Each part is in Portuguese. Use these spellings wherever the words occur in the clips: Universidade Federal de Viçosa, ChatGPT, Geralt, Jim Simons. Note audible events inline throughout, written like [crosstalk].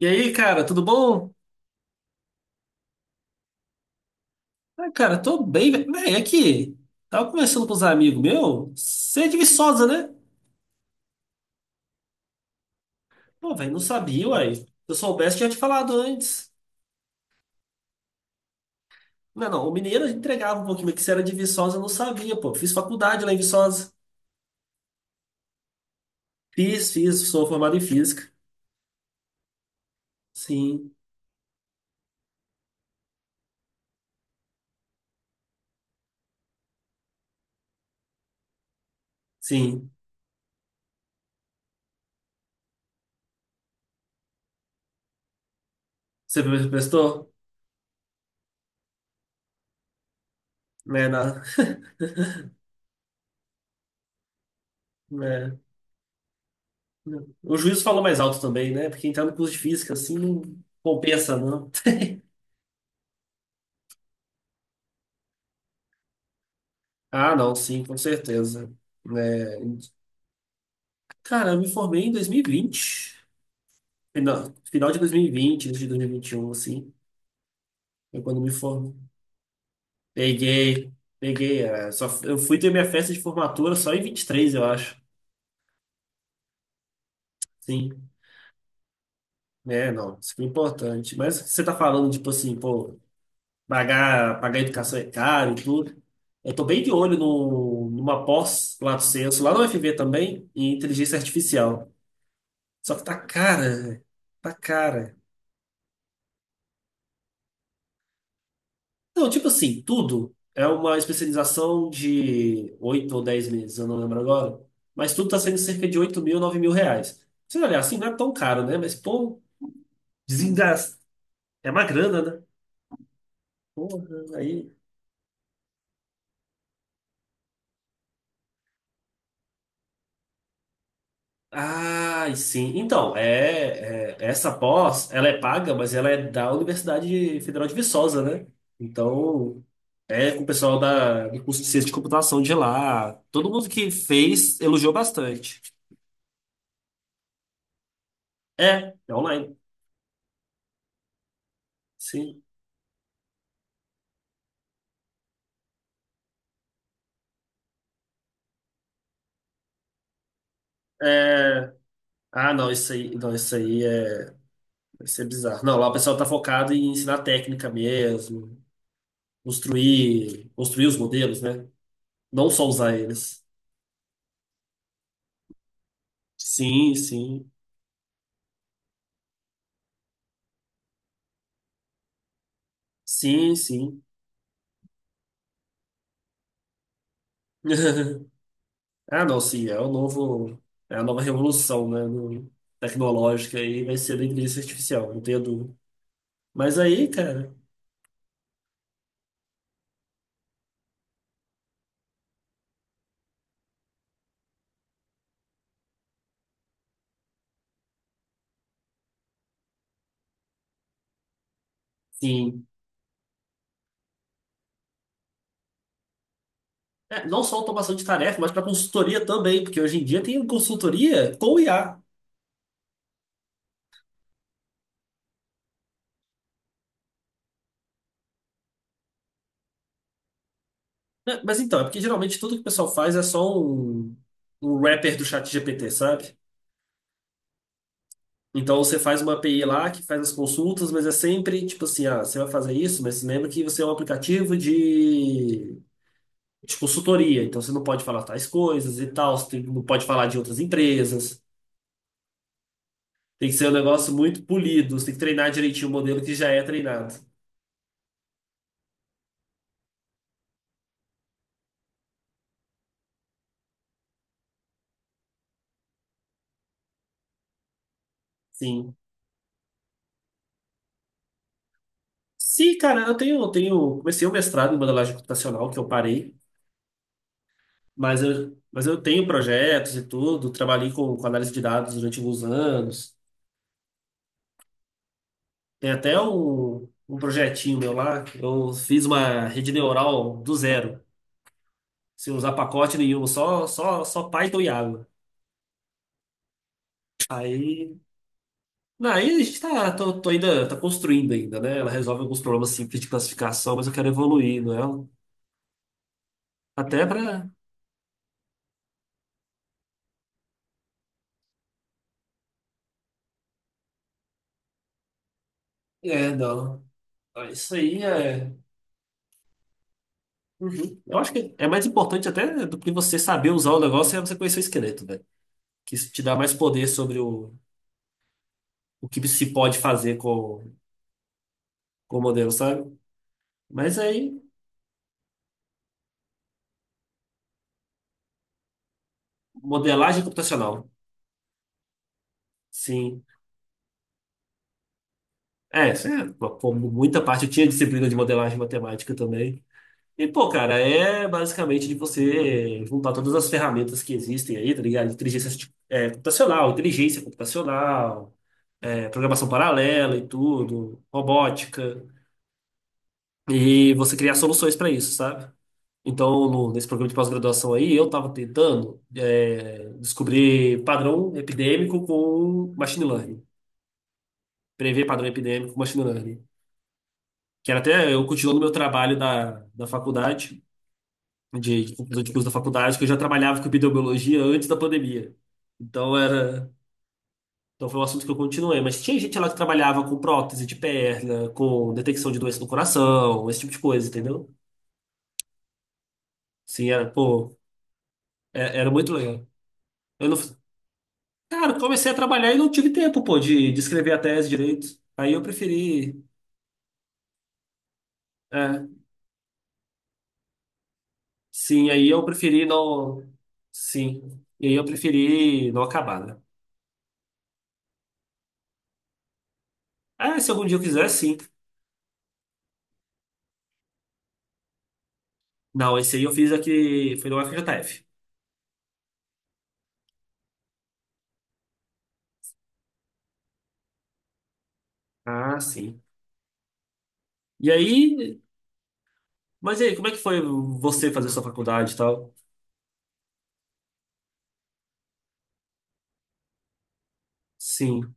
E aí, cara, tudo bom? Ah, cara, tô bem, velho. Véi, aqui, tava conversando com os amigos meu. Você é de Viçosa, né? Pô, velho, não sabia, uai. Se eu soubesse, tinha te falado antes. Não, o mineiro entregava um pouquinho, mas que você era de Viçosa, eu não sabia, pô. Fiz faculdade lá em Viçosa. Fiz, sou formado em física. Sim, sim. Você prestou? Né, na... [laughs] né. O juiz falou mais alto também, né? Porque entrar no curso de física, assim, não compensa, não. Ah, não, sim, com certeza. É. Cara, eu me formei em 2020. Final de 2020, início de 2021, assim. Foi quando eu me formei. Peguei, peguei. É, só, eu fui ter minha festa de formatura só em 23, eu acho. Sim. É, não. Isso foi importante. Mas você tá falando, tipo assim, pô, pagar educação é caro e tudo. Eu tô bem de olho no, numa pós, Lato Senso, lá no FV também, em inteligência artificial. Só que tá cara, velho. Tá cara. Não, tipo assim, tudo é uma especialização de 8 ou 10 meses, eu não lembro agora. Mas tudo tá saindo cerca de 8 mil, 9 mil reais. Se você olhar assim, não é tão caro, né? Mas, pô, desengasta. É uma grana, né? Porra, aí. Ah, sim. Então, essa pós, ela é paga, mas ela é da Universidade Federal de Viçosa, né? Então, é com o pessoal da, do curso de ciência de computação de lá. Todo mundo que fez elogiou bastante. É, é online. Sim. É, ah, não, isso aí, não, isso é bizarro. Não, lá o pessoal tá focado em ensinar técnica mesmo, construir os modelos, né? Não só usar eles. Sim, sim, sim. [laughs] Ah, não, sim, é o novo, é a nova revolução, né, no- tecnológica aí vai ser da inteligência artificial, não tenho dúvida. Mas aí, cara, sim, é, não só automação de tarefa, mas para consultoria também, porque hoje em dia tem consultoria com IA. Né, mas então, é porque geralmente tudo que o pessoal faz é só um wrapper do chat GPT, sabe? Então você faz uma API lá que faz as consultas, mas é sempre tipo assim, ah, você vai fazer isso, mas lembra que você é um aplicativo de consultoria, então você não pode falar tais coisas e tal, você tem- não pode falar de outras empresas. Tem que ser um negócio muito polido, você tem que treinar direitinho o modelo que já é treinado. Sim. Sim, cara, eu tenho, comecei o mestrado em modelagem computacional, que eu parei. Mas eu tenho projetos e tudo, trabalhei com análise de dados durante alguns anos. Tem até um projetinho meu lá, que eu fiz uma rede neural do zero, sem usar pacote nenhum, só Python e água. Aí, não, aí a gente tá, tô ainda, tá construindo ainda, né? Ela resolve alguns problemas simples de classificação, mas eu quero evoluir, não é? Até pra... É, não. Isso aí é... Uhum. Eu acho que é mais importante até do que você saber usar o negócio é você conhecer o esqueleto, velho. Que isso te dá mais poder sobre o que se pode fazer com o modelo, sabe? Mas aí, modelagem computacional, sim. É, isso é, pô, muita parte eu tinha disciplina de modelagem matemática também. E, pô, cara, é basicamente de você juntar todas as ferramentas que existem aí, tá ligado? Inteligência arti- é, computacional, inteligência computacional, é, programação paralela e tudo, robótica. E você criar soluções para isso, sabe? Então, no- nesse programa de pós-graduação aí, eu estava tentando é, descobrir padrão epidêmico com machine learning, prever padrão epidêmico com machine learning, que era até eu continuo no meu trabalho da, da faculdade, de conclusão de curso da faculdade, que eu já trabalhava com epidemiologia antes da pandemia. Então, era, então foi um assunto que eu continuei, mas tinha gente lá que trabalhava com prótese de perna, com detecção de doença no coração, esse tipo de coisa, entendeu? Sim, era, pô, era muito legal. Eu não... Cara, comecei a trabalhar e não tive tempo, pô, de escrever a tese direito. Aí eu preferi. É, sim, aí eu preferi não. Sim. E aí eu preferi não acabar, né? Ah, se algum dia eu quiser, sim. Não, esse aí eu fiz aqui. Foi no FJF. Ah, sim. E aí. Mas e aí, como é que foi você fazer sua faculdade e tal? Sim.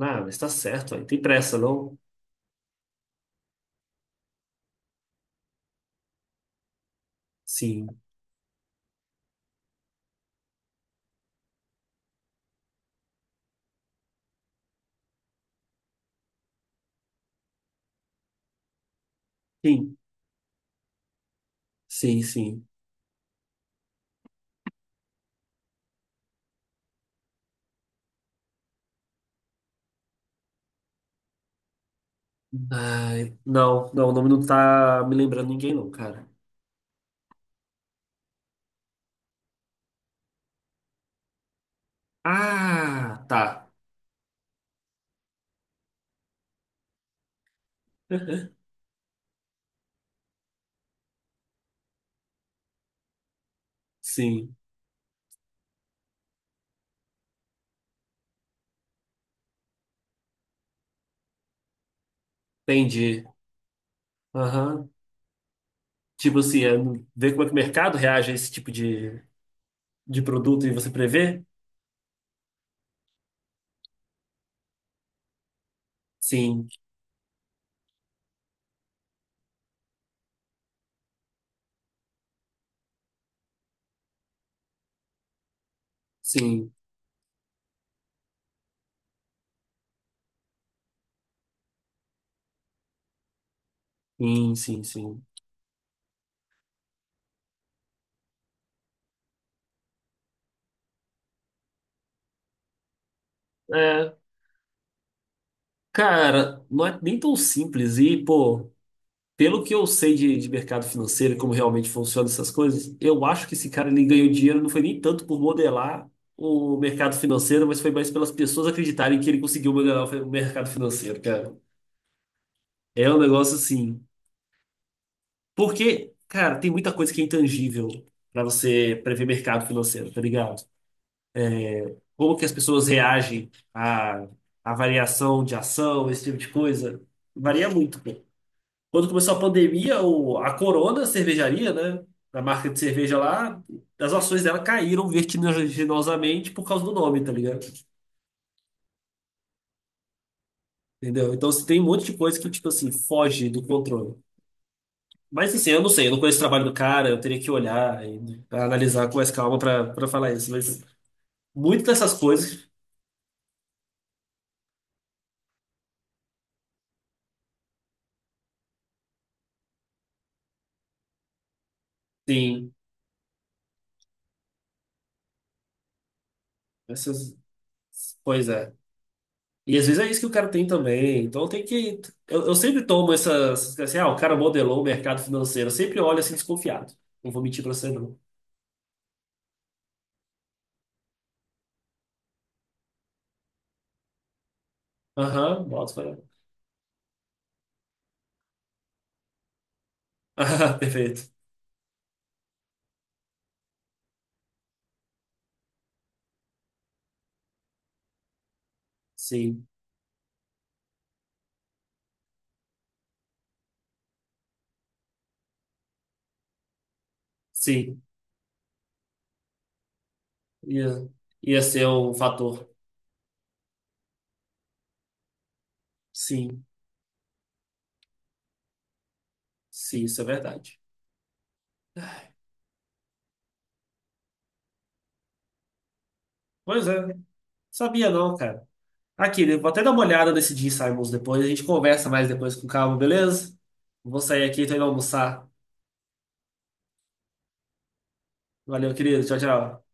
Ah, mas tá certo, aí tem pressa, não? Sim. Sim, sim. Ai, não, o nome não tá me lembrando ninguém, não, cara. Ah, tá. [laughs] Sim, entendi. Aham. Tipo assim, é ver como é que o mercado reage a esse tipo de produto e você prever? Sim, sim, sim. É, cara, não é nem tão simples. E, pô, pelo que eu sei de mercado financeiro e como realmente funcionam essas coisas, eu acho que esse cara ele ganhou dinheiro não foi nem tanto por modelar o mercado financeiro, mas foi mais pelas pessoas acreditarem que ele conseguiu modelar o mercado financeiro, cara. É um negócio assim. Porque, cara, tem muita coisa que é intangível para você prever mercado financeiro, tá ligado? Como que as pessoas reagem à, à variação de ação, esse tipo de coisa. Varia muito, pô. Quando começou a pandemia, o, a Corona, a cervejaria, né? A marca de cerveja lá, as ações dela caíram vertiginosamente por causa do nome, tá ligado? Entendeu? Então, assim, tem um monte de coisa que, tipo assim, foge do controle. Mas, assim, eu não sei, eu não conheço o trabalho do cara, eu teria que olhar e analisar com mais calma pra, pra falar isso. Mas muitas dessas coisas, sim. Essas, pois é. E às vezes é isso que o cara tem também. Então tem que. Eu sempre tomo essas. Assim, ah, o cara modelou o mercado financeiro. Eu sempre olho assim desconfiado. Não vou mentir pra você, não. Aham, bota para. [laughs] Ah, perfeito. Sim, sim. Ia, ia ser um fator. Sim, sim, isso é verdade. Pois é. Sabia não, cara. Aqui, eu vou até dar uma olhada nesse Jim Simons depois. A gente conversa mais depois com calma, beleza? Vou sair aqui, tô indo almoçar. Valeu, querido. Tchau, tchau.